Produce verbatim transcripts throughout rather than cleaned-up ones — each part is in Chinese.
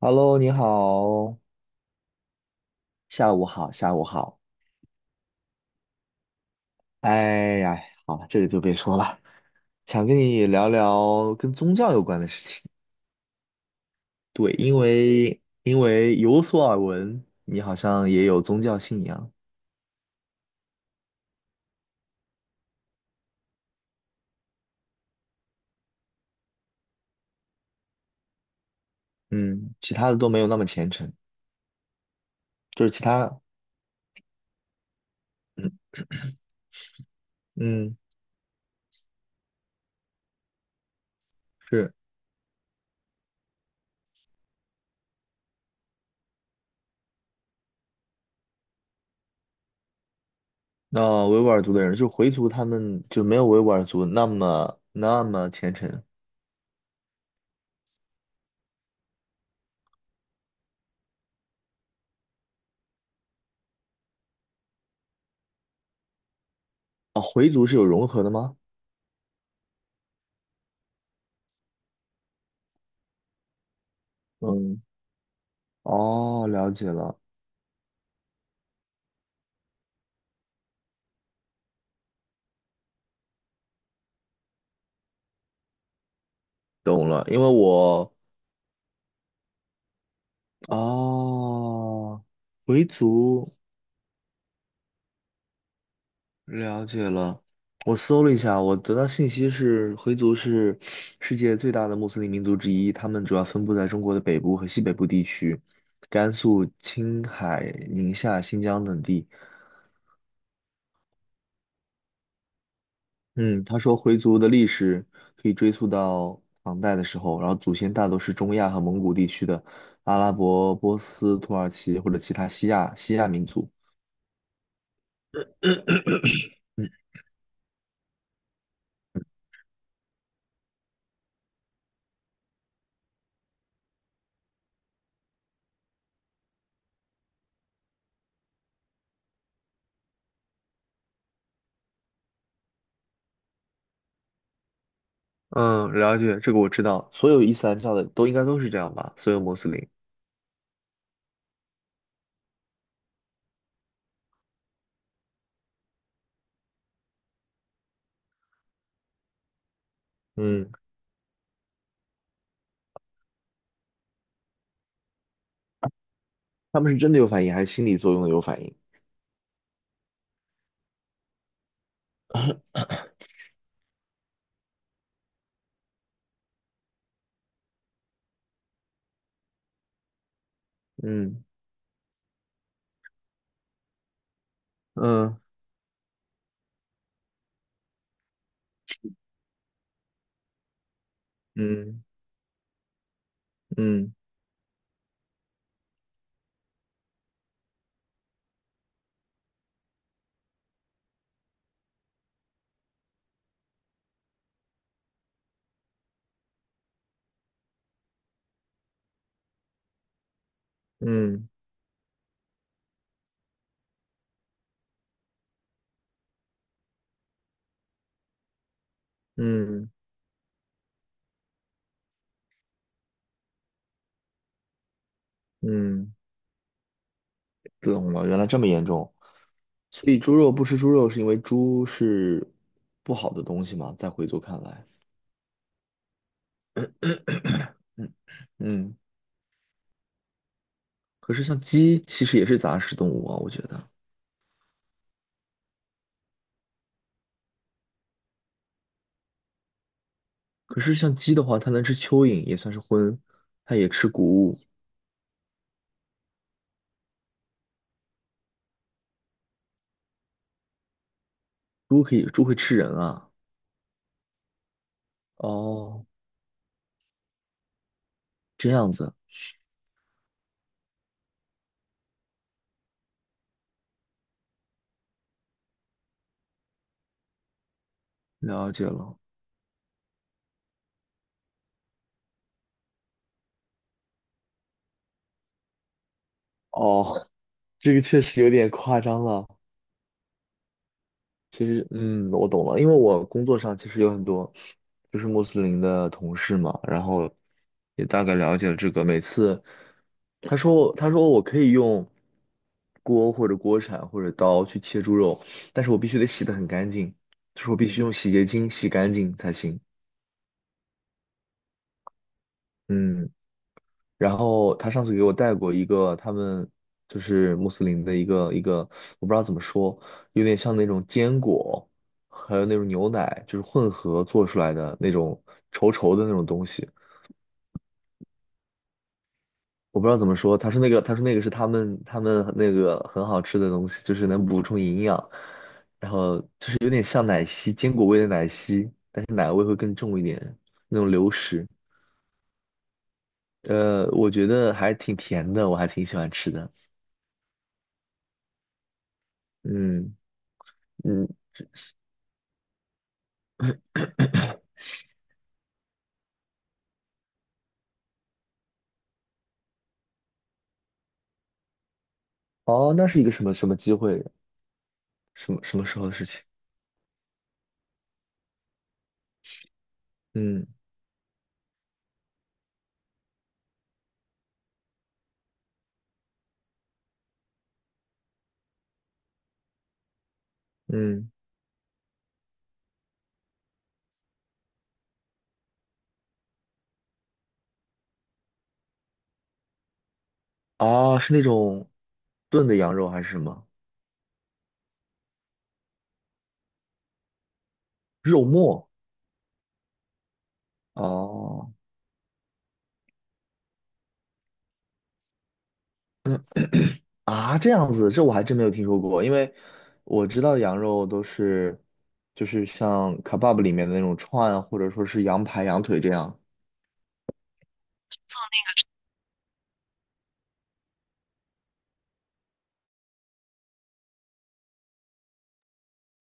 Hello，你好，下午好，下午好。哎呀，好了，这个就别说了，想跟你聊聊跟宗教有关的事情。对，因为因为有所耳闻，你好像也有宗教信仰，嗯，其他的都没有那么虔诚，就是其他，嗯嗯，是，那维吾尔族的人，就回族，他们就没有维吾尔族那么那么虔诚啊。回族是有融合的吗？嗯，哦，了解了。懂了，因为我哦，回族了解了。我搜了一下，我得到信息是，回族是世界最大的穆斯林民族之一，他们主要分布在中国的北部和西北部地区，甘肃、青海、宁夏、新疆等地。嗯，他说回族的历史可以追溯到唐代的时候，然后祖先大多是中亚和蒙古地区的阿拉伯、波斯、土耳其或者其他西亚西亚民族。嗯，了解，这个我知道，所有伊斯兰教的都应该都是这样吧？所有穆斯林，嗯他们是真的有反应，还是心理作用的有反应？嗯嗯，嗯嗯嗯嗯嗯，懂了，原来这么严重。所以猪肉不吃猪肉是因为猪是不好的东西吗？在回族看来，嗯嗯，可是像鸡其实也是杂食动物啊，我觉得。可是像鸡的话，它能吃蚯蚓，也算是荤，它也吃谷物。猪可以，猪会吃人啊。哦，这样子，了解了。哦，这个确实有点夸张了。其实，嗯，我懂了，因为我工作上其实有很多就是穆斯林的同事嘛，然后也大概了解了这个。每次他说他说我可以用锅或者锅铲或者刀去切猪肉，但是我必须得洗得很干净，就是我必须用洗洁精洗干净才行。嗯。然后他上次给我带过一个他们就是穆斯林的一个一个，我不知道怎么说，有点像那种坚果，还有那种牛奶，就是混合做出来的那种稠稠的那种东西。我不知道怎么说，他说那个，他说那个是他们他们那个很好吃的东西，就是能补充营养，然后就是有点像奶昔，坚果味的奶昔，但是奶味会更重一点，那种流食。呃，我觉得还挺甜的，我还挺喜欢吃的。嗯。嗯，哦，那是一个什么什么机会？什么什么时候的事情？嗯嗯，啊，是那种炖的羊肉还是什么肉末？哦，嗯啊，这样子，这我还真没有听说过，因为我知道的羊肉都是就是像 kebab 里面的那种串，或者说是羊排、羊腿这样。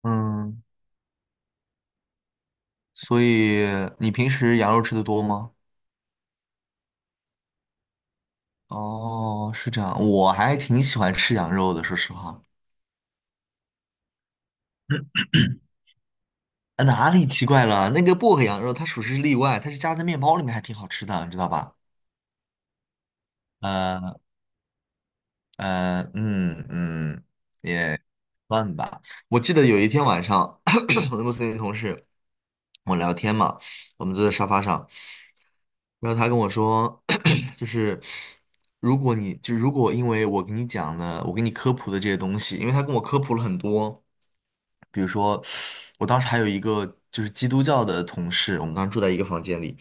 嗯，所以你平时羊肉吃的多吗？哦，是这样，我还挺喜欢吃羊肉的，说实话。呃哪里奇怪了？那个薄荷羊肉它属实是例外，它是夹在面包里面，还挺好吃的，你知道吧？呃呃，嗯嗯，也算吧。我记得有一天晚上，我的公司那个同事，我聊天嘛，我们坐在沙发上，然后他跟我说，就是如果你就如果因为我给你讲的，我给你科普的这些东西，因为他跟我科普了很多。比如说，我当时还有一个就是基督教的同事，我们当时住在一个房间里，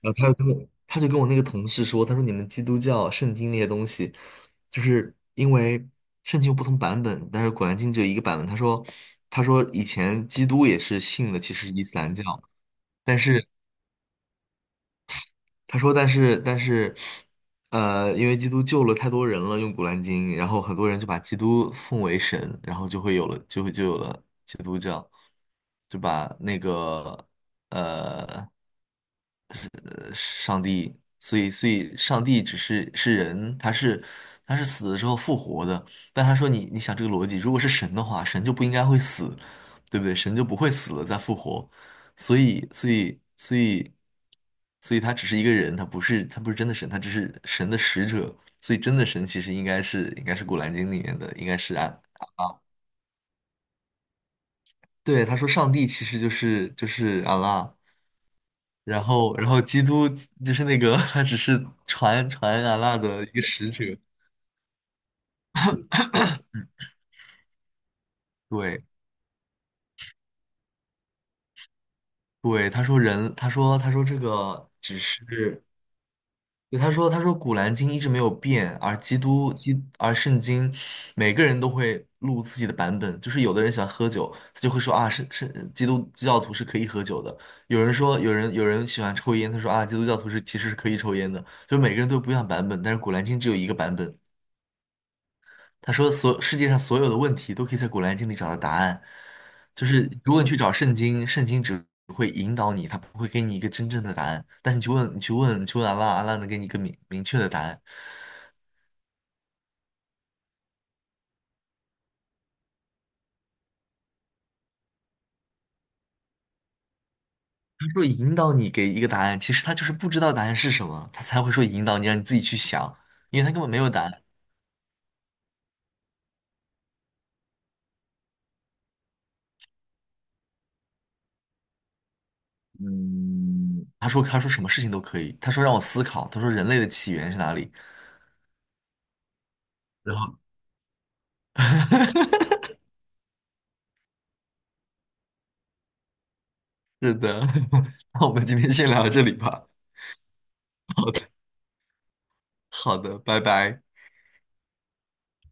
然后他就跟我，他就跟我那个同事说，他说你们基督教圣经那些东西，就是因为圣经有不同版本，但是《古兰经》只有一个版本。他说，他说以前基督也是信的，其实是伊斯兰教，但是。他说，但是但是，呃，因为基督救了太多人了，用《古兰经》，然后很多人就把基督奉为神，然后就会有了，就会就有了基督教，就把那个呃上帝，所以所以上帝只是是人，他是他是死了之后复活的。但他说你你想这个逻辑，如果是神的话，神就不应该会死，对不对？神就不会死了再复活，所以所以所以所以他只是一个人，他不是他不是真的神，他只是神的使者。所以真的神其实应该是应该是《古兰经》里面的，应该是安。对，他说上帝其实就是就是阿拉。然后然后基督就是那个 他只是传传安拉的一个使者，对对，他说人，他说他说这个只是，对他说他说古兰经一直没有变，而基督基而圣经，每个人都会录自己的版本，就是有的人喜欢喝酒，他就会说啊，是是基督教徒是可以喝酒的，有人说有人有人喜欢抽烟，他说啊，基督教徒是其实是可以抽烟的，就是每个人都有不一样的版本，但是古兰经只有一个版本，他说所世界上所有的问题都可以在《古兰经》里找到答案，就是如果你去找圣经，圣经只会引导你，他不会给你一个真正的答案。但是你去问，你去问，你去问阿拉，阿拉能给你一个明明确的答案。他说引导你给一个答案，其实他就是不知道答案是什么，他才会说引导你，让你自己去想，因为他根本没有答案。嗯，他说他说什么事情都可以，他说让我思考，他说人类的起源是哪里？然后 是的，那我们今天先聊到这里吧。好的，好的，拜拜。